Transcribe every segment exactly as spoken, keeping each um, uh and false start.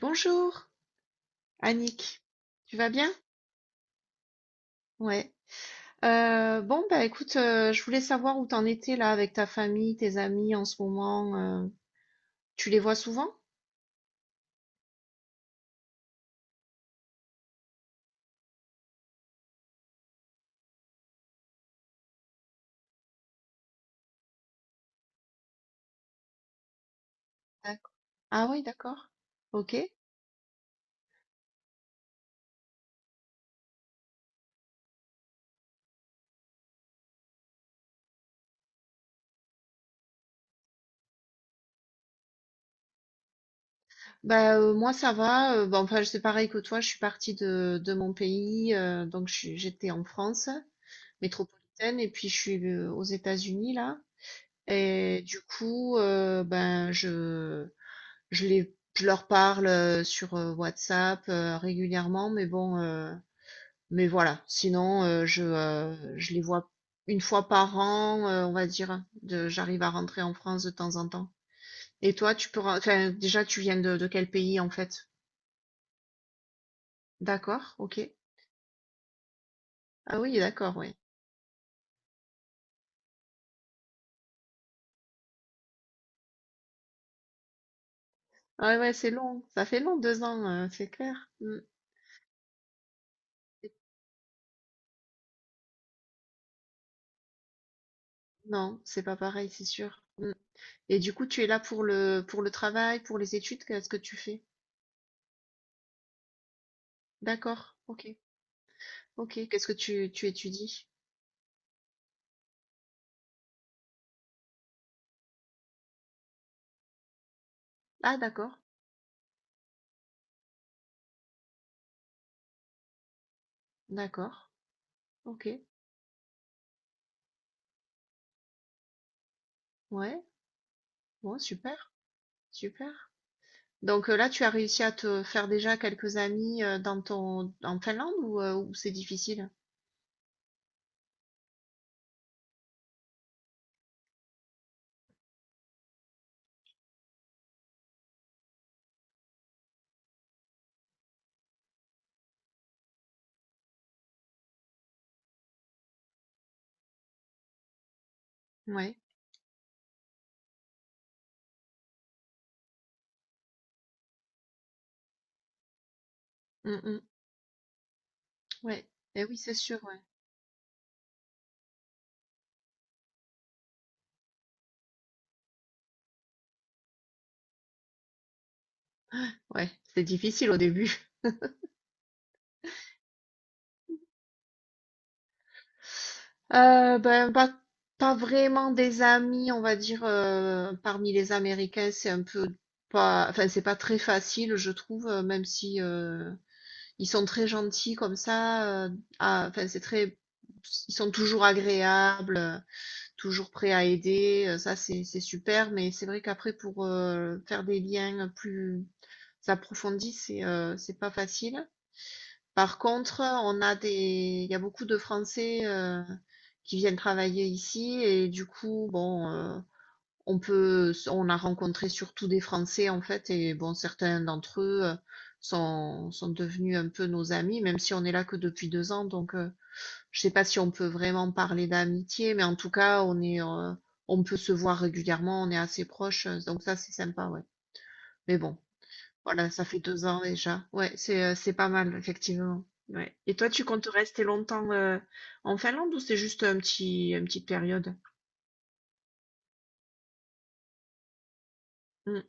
Bonjour, Annick. Tu vas bien? Ouais. Euh, bon, bah écoute, euh, je voulais savoir où t'en étais là avec ta famille, tes amis en ce moment. euh, Tu les vois souvent? D'accord. Ah oui, d'accord. Ok. Bah euh, moi ça va. Euh, bah, enfin c'est pareil que toi. Je suis partie de, de mon pays, euh, donc je suis- j'étais en France métropolitaine et puis je suis euh, aux États-Unis là. Et du coup, euh, ben je Je les je leur parle heu, sur heu, WhatsApp heu, régulièrement, mais bon, heu, mais voilà. Sinon, heu, je, heu, je les vois une fois par an, heu, on va dire, de j'arrive à rentrer en France de temps en temps. Et toi, tu peux ren enfin, déjà, tu viens de de quel pays, en fait? D'accord, OK. Ah oui, d'accord, ouais. Ouais, ouais, c'est long, ça fait long deux ans, heu, c'est clair. Mmh. Non, c'est pas pareil, c'est sûr. Mmh et du coup, tu es là pour le pour le travail, pour les études, qu'est-ce que tu fais? D'accord, OK. OK, qu'est-ce que tu tu étudies? Ah d'accord, d'accord. OK. Ouais, bon super, super. Donc, heu, là, tu as réussi à te faire déjà quelques amis, heu, dans ton en Finlande ou, heu, ou c'est difficile? Ouais. Mmh mh. Ouais. Et oui, c'est sûr, ouais. Ouais, c'est difficile au début. Heu, ben, pas pas vraiment des amis, on va dire, heu, parmi les Américains, c'est un peu pas enfin, c'est pas très facile, je trouve, heu, même si, heu ils sont très gentils comme ça, heu, à enfin, c'est très ils sont toujours agréables, heu, toujours prêts à aider, heu, ça c'est c'est super, mais c'est vrai qu'après pour, heu, faire des liens plus approfondis, c'est, heu, c'est pas facile. Par contre, on a des il y a beaucoup de Français, heu, qui viennent travailler ici et du coup, bon, heu on peut, on a rencontré surtout des Français en fait, et bon, certains d'entre eux euh, sont, sont devenus un peu nos amis, même si on est là que depuis deux ans. Donc, euh, je sais pas si on peut vraiment parler d'amitié, mais en tout cas, on est, euh, on peut se voir régulièrement, on est assez proches, euh, donc ça, c'est sympa, ouais. Mais bon, voilà, ça fait deux ans déjà. Ouais, c'est, euh, c'est pas mal, effectivement. Ouais. Et toi, tu comptes rester longtemps euh, en Finlande ou c'est juste un petit, une petite période? Hmm,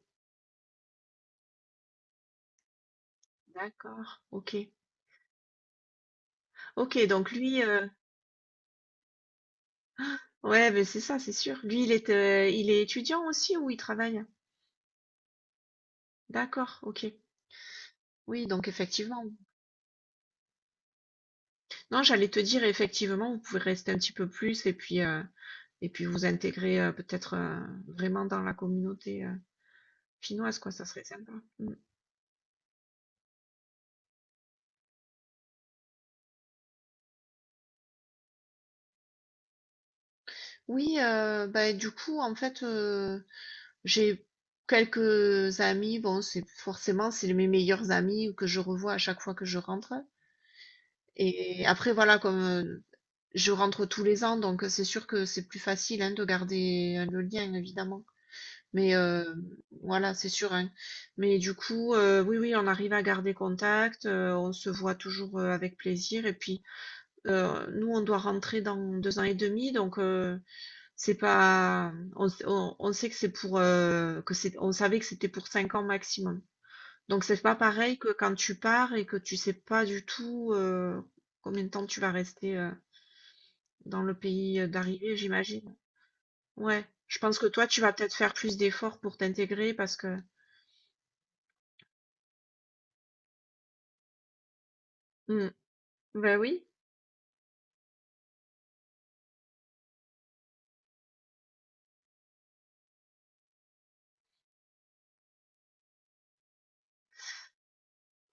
d'accord, ok. Ok, donc lui, euh, ouais, mais c'est ça, c'est sûr. Lui, il est, euh, il est étudiant aussi ou il travaille? D'accord, ok. Oui, donc effectivement. Non, j'allais te dire, effectivement, vous pouvez rester un petit peu plus et puis, euh, et puis vous intégrer euh, peut-être euh, vraiment dans la communauté euh, finnoise, quoi, ça serait sympa. Mm. Oui, euh, bah, du coup, en fait, euh, j'ai quelques amis, bon, c'est forcément, c'est mes meilleurs amis que je revois à chaque fois que je rentre. Et après, voilà, comme euh, je rentre tous les ans, donc c'est sûr que c'est plus facile hein, de garder euh, le lien, évidemment. Mais euh, voilà, c'est sûr, hein. Mais du coup, euh, oui, oui, on arrive à garder contact, euh, on se voit toujours euh, avec plaisir. Et puis, euh, nous, on doit rentrer dans deux ans et demi, donc euh, c'est pas, on, on- on sait que c'est pour, euh, que c'est, on savait que c'était pour cinq ans maximum. Donc c'est pas pareil que quand tu pars et que tu sais pas du tout euh, combien de temps tu vas rester euh, dans le pays euh, d'arrivée, j'imagine. Ouais, je pense que toi, tu vas peut-être faire plus d'efforts pour t'intégrer parce que... Hmm. Ben oui,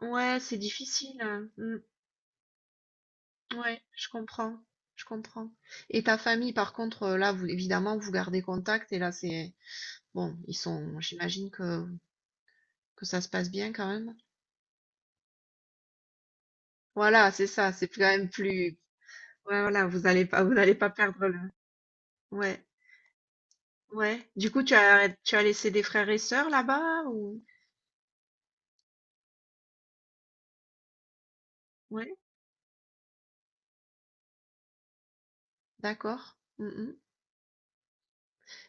ouais, c'est difficile, hein. Hmm. Ouais, je comprends, je comprends. Et ta famille, par contre, euh, là, vous, évidemment, vous gardez contact et là, c'est... Bon, ils sont... J'imagine que, que ça se passe bien quand même. Voilà, c'est ça, c'est quand même plus... Ouais, voilà, vous allez pas, vous n'allez pas perdre le... Ouais, ouais. Du coup, tu as, tu as laissé des frères et sœurs là-bas ou... Ouais, d'accord. Mm, mm.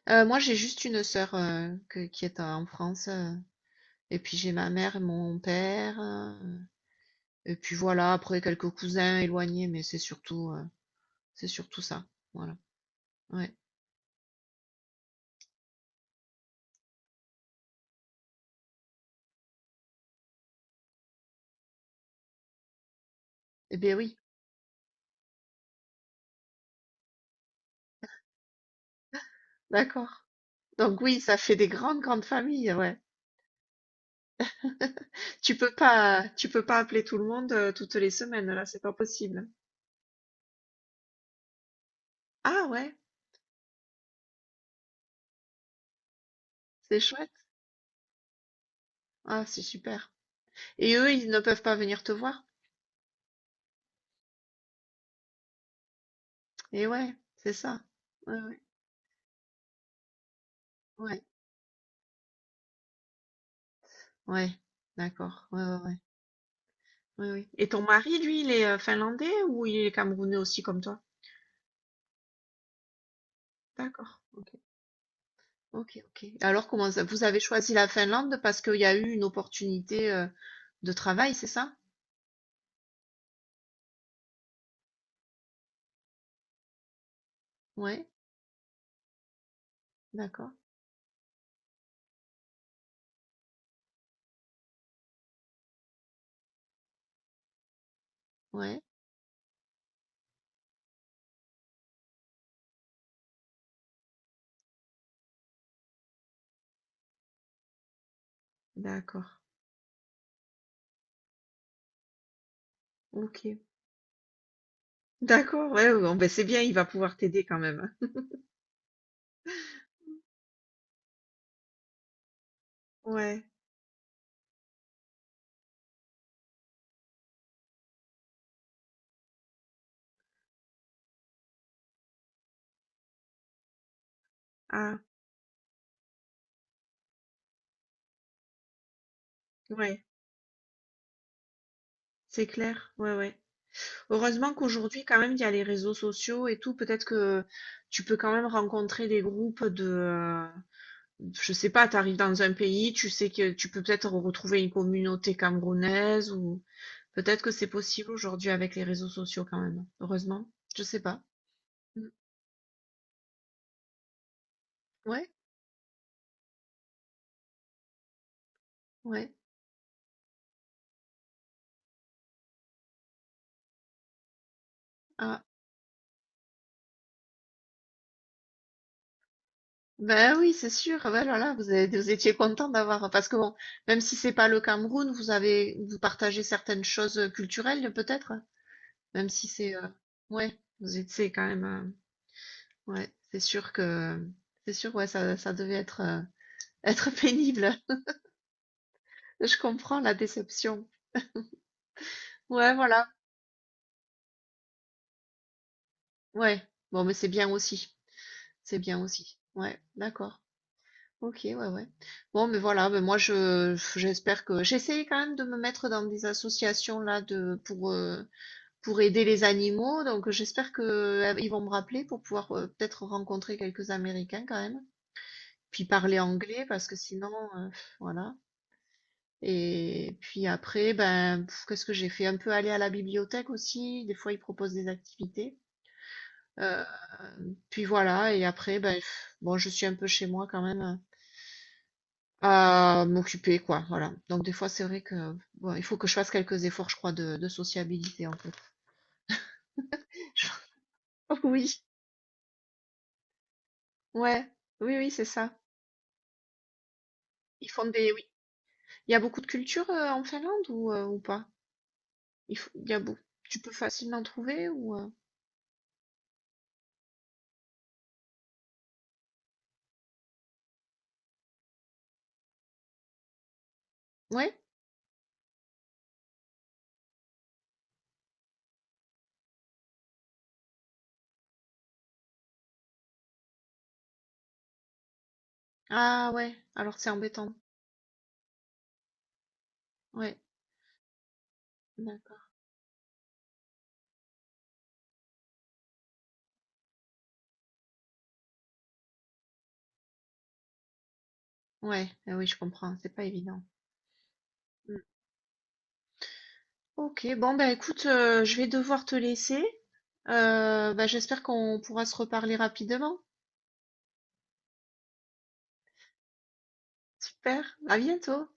Heu, moi, j'ai juste une sœur, heu, que qui est en France, heu et puis j'ai ma mère et mon père, heu et puis voilà, après quelques cousins éloignés, mais c'est surtout, heu, c'est surtout ça. Voilà, ouais. Eh bien, oui, d'accord. Donc oui, ça fait des grandes, grandes familles, ouais. Tu peux pas tu peux pas appeler tout le monde, heu, toutes les semaines, là, c'est pas possible. Ah ouais, c'est chouette. Ah, c'est super et eux, ils ne peuvent pas venir te voir? Et ouais, c'est ça. Ouais, ouais, ouais, ouais, d'accord, ouais, ouais, ouais. Oui, oui. Et ton mari, lui, il est euh, finlandais ou il est camerounais aussi comme toi? D'accord. Ok, ok, ok. Alors, comment ça, vous avez choisi la Finlande parce qu'il y a eu une opportunité euh, de travail, c'est ça? Ouais, d'accord. Ouais, d'accord. Ok. D'accord, ouais, ouais, bon, ben c'est bien, il va pouvoir t'aider quand même. Ouais, ah, ouais, c'est clair, ouais, ouais. Heureusement qu'aujourd'hui, quand même, il y a les réseaux sociaux et tout, peut-être que tu peux quand même rencontrer des groupes de, euh, je sais pas, tu arrives dans un pays, tu sais que tu peux peut-être retrouver une communauté camerounaise ou peut-être que c'est possible aujourd'hui avec les réseaux sociaux quand même. Heureusement, je sais pas. Mm. Ouais, ouais. Ah, ben oui, c'est sûr. Ah, ben voilà, vous avez- vous étiez content d'avoir parce que bon, même si c'est pas le Cameroun, vous avez vous partagez certaines choses culturelles peut-être, même si c'est euh, ouais, vous êtes c'est quand même euh, ouais, c'est sûr que c'est sûr ouais, ça ça devait être euh, être pénible. Je comprends la déception. Ouais, voilà. Ouais. Bon, mais c'est bien aussi. C'est bien aussi. Ouais, d'accord. Ok, ouais, ouais. Bon, mais voilà, mais moi je j'espère que j'essaye quand même de me mettre dans des associations là de pour euh, pour aider les animaux. Donc j'espère que euh, ils vont me rappeler pour pouvoir euh, peut-être rencontrer quelques Américains quand même. Puis parler anglais parce que sinon euh, voilà. Et puis après, ben pff, qu'est-ce que j'ai fait? Un peu aller à la bibliothèque aussi. Des fois ils proposent des activités. Euh, Puis voilà, et après, ben, bon, je suis un peu chez moi quand même euh, à m'occuper, quoi. Voilà. Donc des fois, c'est vrai que bon, il faut que je fasse quelques efforts, je crois, de, de sociabilité, en fait. Oui, ouais, oui, oui, c'est ça. Ils font des, oui. Il y a beaucoup de cultures euh, en Finlande ou, euh, ou pas? Il faut- il y a beaucoup. Tu peux facilement trouver ou euh, ouais? Ah ouais. Alors c'est embêtant. Ouais, d'accord. Ouais, ah oui, je comprends. C'est pas évident. Mm. Ok, bon ben écoute, euh, je vais devoir te laisser. Euh, bah, j'espère qu'on pourra se reparler rapidement. Super, à bientôt.